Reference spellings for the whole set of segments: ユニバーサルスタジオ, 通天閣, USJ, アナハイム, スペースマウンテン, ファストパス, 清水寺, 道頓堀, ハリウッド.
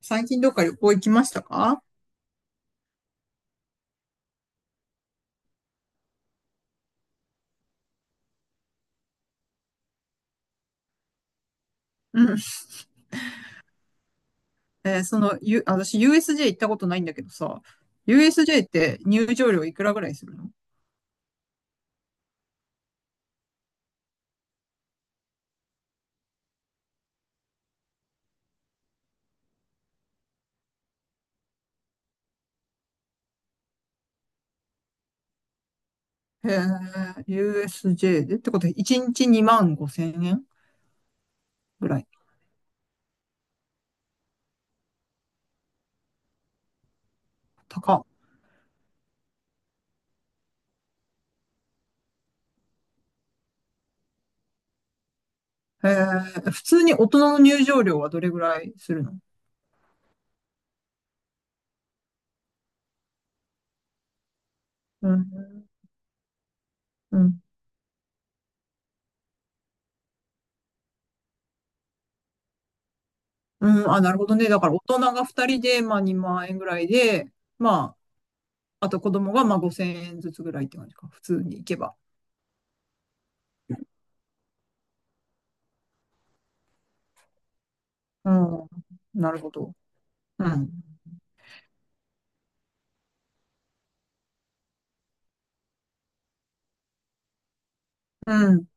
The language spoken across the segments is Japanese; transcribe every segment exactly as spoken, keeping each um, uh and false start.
最近どっか旅行行きましたか？うん。えーその、ゆ、私 ユーエスジェイ 行ったことないんだけどさ、ユーエスジェイ って入場料いくらぐらいするの？へえ、ユーエスジェイ でってことで、いちにちにまんごせん円ぐらい。高っ。へえ、普通に大人の入場料はどれぐらいするの？うん。うん。うん。あ、なるほどね。だから大人がふたりで、まあにまん円ぐらいで、まあ、あと子供がまあごせん円ずつぐらいって感じか。普通に行けば。うん。なるほど。うん。うん。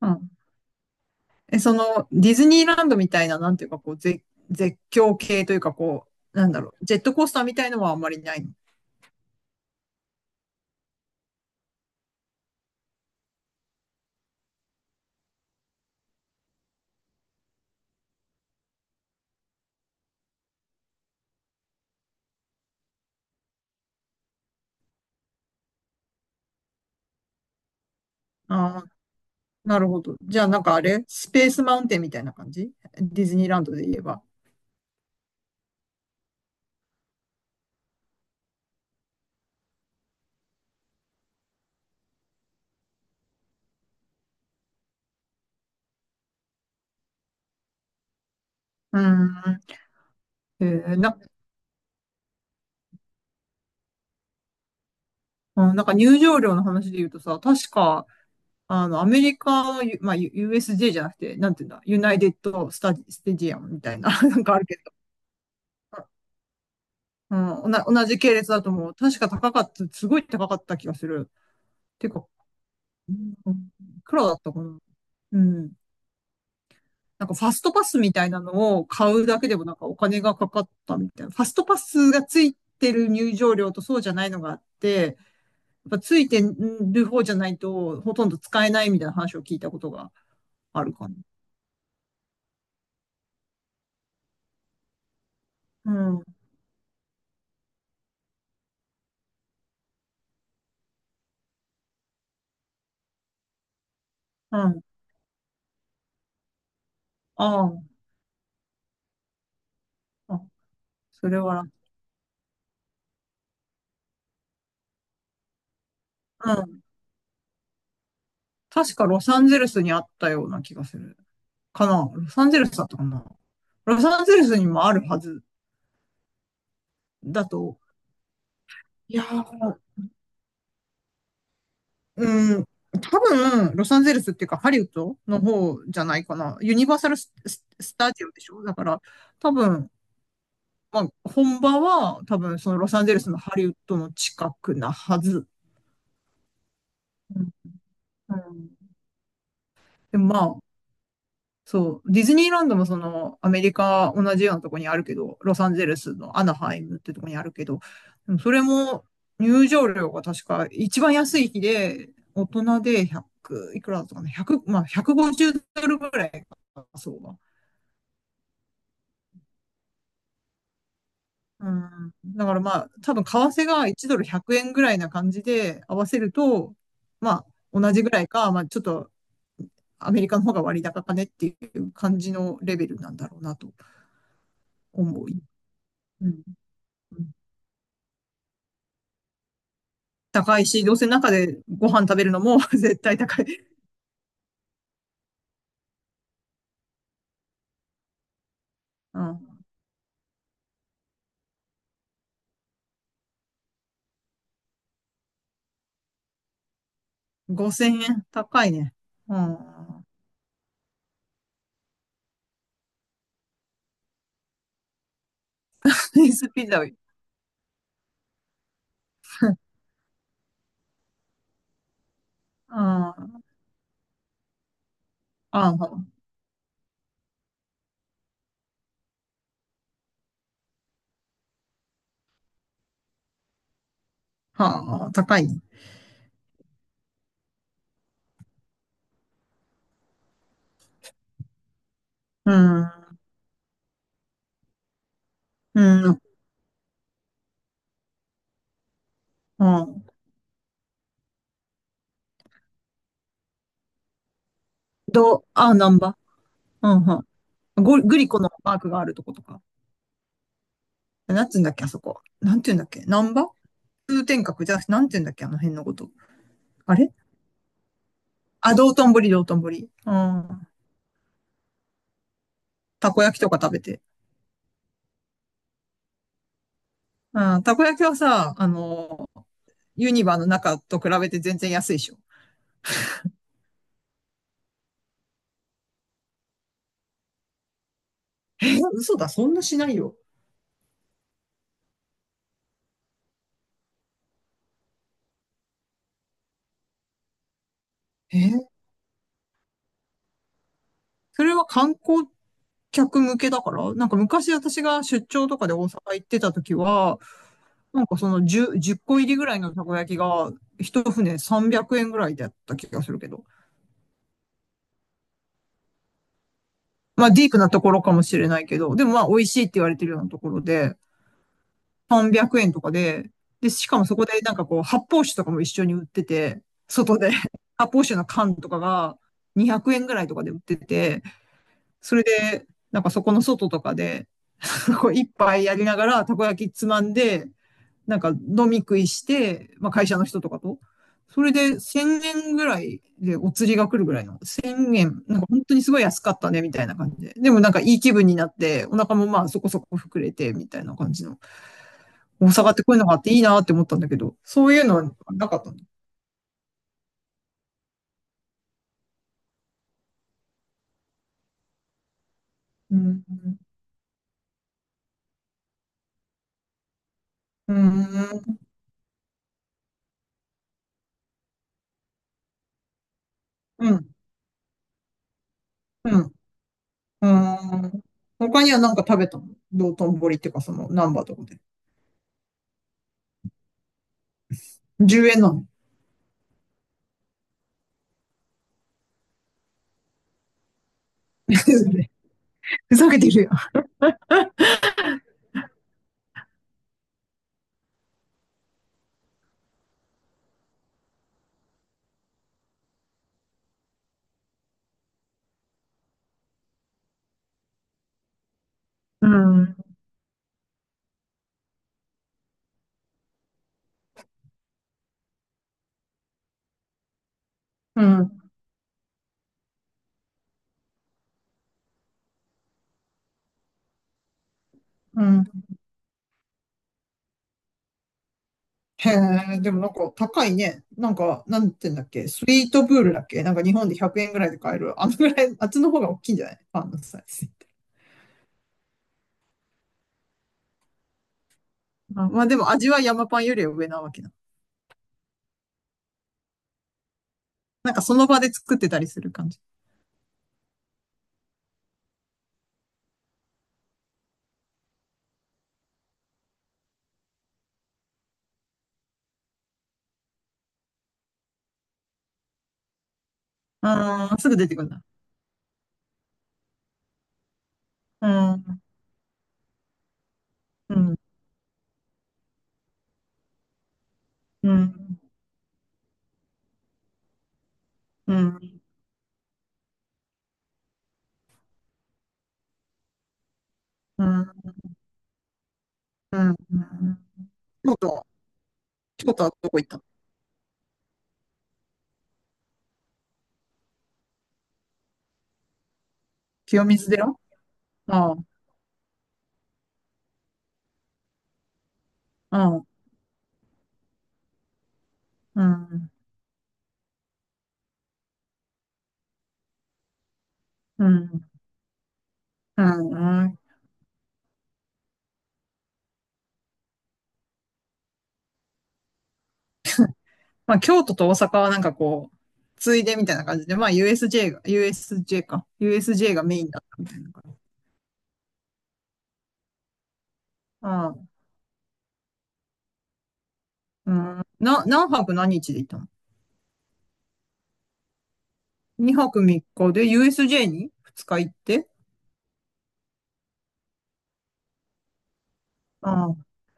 うん。え、その、ディズニーランドみたいな、なんていうか、こう、絶、絶叫系というか、こう、なんだろう、ジェットコースターみたいのはあんまりないの？ああ、なるほど。じゃあ、なんかあれスペースマウンテンみたいな感じ？ディズニーランドで言えば。うん。えー、な、うん。なんか入場料の話で言うとさ、確か、あの、アメリカの、ゆまあ、U- s j じゃなくて、なんていうんだ、ユナイテッドスタジ、ステジアムみたいな、なんかあるけど。うん、おな、同じ系列だと思う。確か高かった、すごい高かった気がする。てか、うん。黒だったかな。うん。なんかファストパスみたいなのを買うだけでもなんかお金がかかったみたいな。ファストパスがついてる入場料とそうじゃないのがあって、やっぱついてる方じゃないとほとんど使えないみたいな話を聞いたことがあるかな。うん。うん。ああ。あ、それは楽、うん。確かロサンゼルスにあったような気がする。かなロサンゼルスだったかな。ロサンゼルスにもあるはずだと、いやー、うん、多分、ロサンゼルスっていうか、ハリウッドの方じゃないかな。ユニバーサルス、ススタジオでしょ。だから、多分、まあ、本場は、多分、そのロサンゼルスのハリウッドの近くなはず。うん。うん。でもまあ、そう、ディズニーランドもその、アメリカ同じようなとこにあるけど、ロサンゼルスのアナハイムってとこにあるけど、でもそれも入場料が確か一番安い日で、大人でひゃく、いくらだったかな、ひゃく、まあひゃくごじゅうドルぐらいか、そうだ。うん。だからまあ、多分為替がいちドルひゃくえんぐらいな感じで合わせると、まあ、同じぐらいか、まあちょっと、アメリカの方が割高かねっていう感じのレベルなんだろうなと思う。うん。うん。高いし、どうせ中でご飯食べるのも 絶対高い。うん。ごせんえん高いね。うん。スイスピザ、うん。ああ、はあ、高いね。うん。うん。うん。ど、あ、ナンバ。うん、はん。ゴグリコのマークがあるとことか。なんつうんだっけ、あそこ。なんて言うんだっけ。ナンバ通天閣じゃなくて、なんて言うんだっけ、あの辺のこと。あれあ、道頓堀、道頓堀。うん。たこ焼きとか食べて。うん。たこ焼きはさ、あのーユニバの中と比べて全然安いでしょ？え嘘だ、そんなしないよ。えそれは観光客向けだからなんか昔私が出張とかで大阪行ってた時は、なんかそのじゅう、個入りぐらいのたこ焼きが、一船さんびゃくえんぐらいだった気がするけど。まあディープなところかもしれないけど、でもまあ美味しいって言われてるようなところで、さんびゃくえんとかで、で、しかもそこでなんかこう発泡酒とかも一緒に売ってて、外で 発泡酒の缶とかがにひゃくえんぐらいとかで売ってて、それで、なんかそこの外とかで、一杯やりながら、たこ焼きつまんで、なんか飲み食いして、まあ会社の人とかと。それでせんえんぐらいでお釣りが来るぐらいの、せんえん、なんか本当にすごい安かったね、みたいな感じで。でもなんかいい気分になって、お腹もまあそこそこ膨れて、みたいな感じの。大阪ってこういうのがあっていいなって思ったんだけど、そういうのはなかったの。うん。うん。うん。うん。うーん。他には何か食べたの？道頓堀っていうか、その、難波とかで。じゅうえんなの？ ふざけてるよ。うん。うん。うん。へえ、でもなんか高いね。なんか、なんて言うんだっけ。スイートプールだっけ？なんか日本でひゃくえんぐらいで買える。あのぐらい、あっちの方が大きいんじゃない？パンのサイズって。あまあでも味は山パンよりは上なわけな。なんかその場で作ってたりする感じ。ああ、すぐ出てくるんだ。うん、うん、うん、うん、うん、うん。京都、京都はどこ行った？清水寺。ああ、うん、うん、うん、うん。うん。まあ、京都と大阪はなんかこう、ついでみたいな感じで、まあ、ユーエスジェイ が、ユーエスジェイ か。ユーエスジェイ がメインだったみたいな感じ。ああ、うん。な、何泊何日で行ったの ?に 泊みっかで ユーエスジェイ にふつか行って。ああ、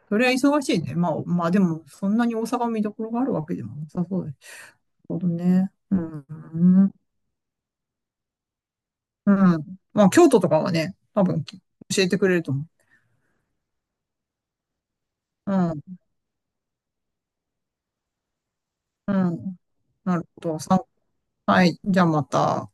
それは忙しいね。まあ、まあでも、そんなに大阪見どころがあるわけでもなさそうです。なるほどね。うん、うん。まあ、京都とかはね、多分教えてくれると思う。うん、うん。なるほど。さんはい。じゃあまた。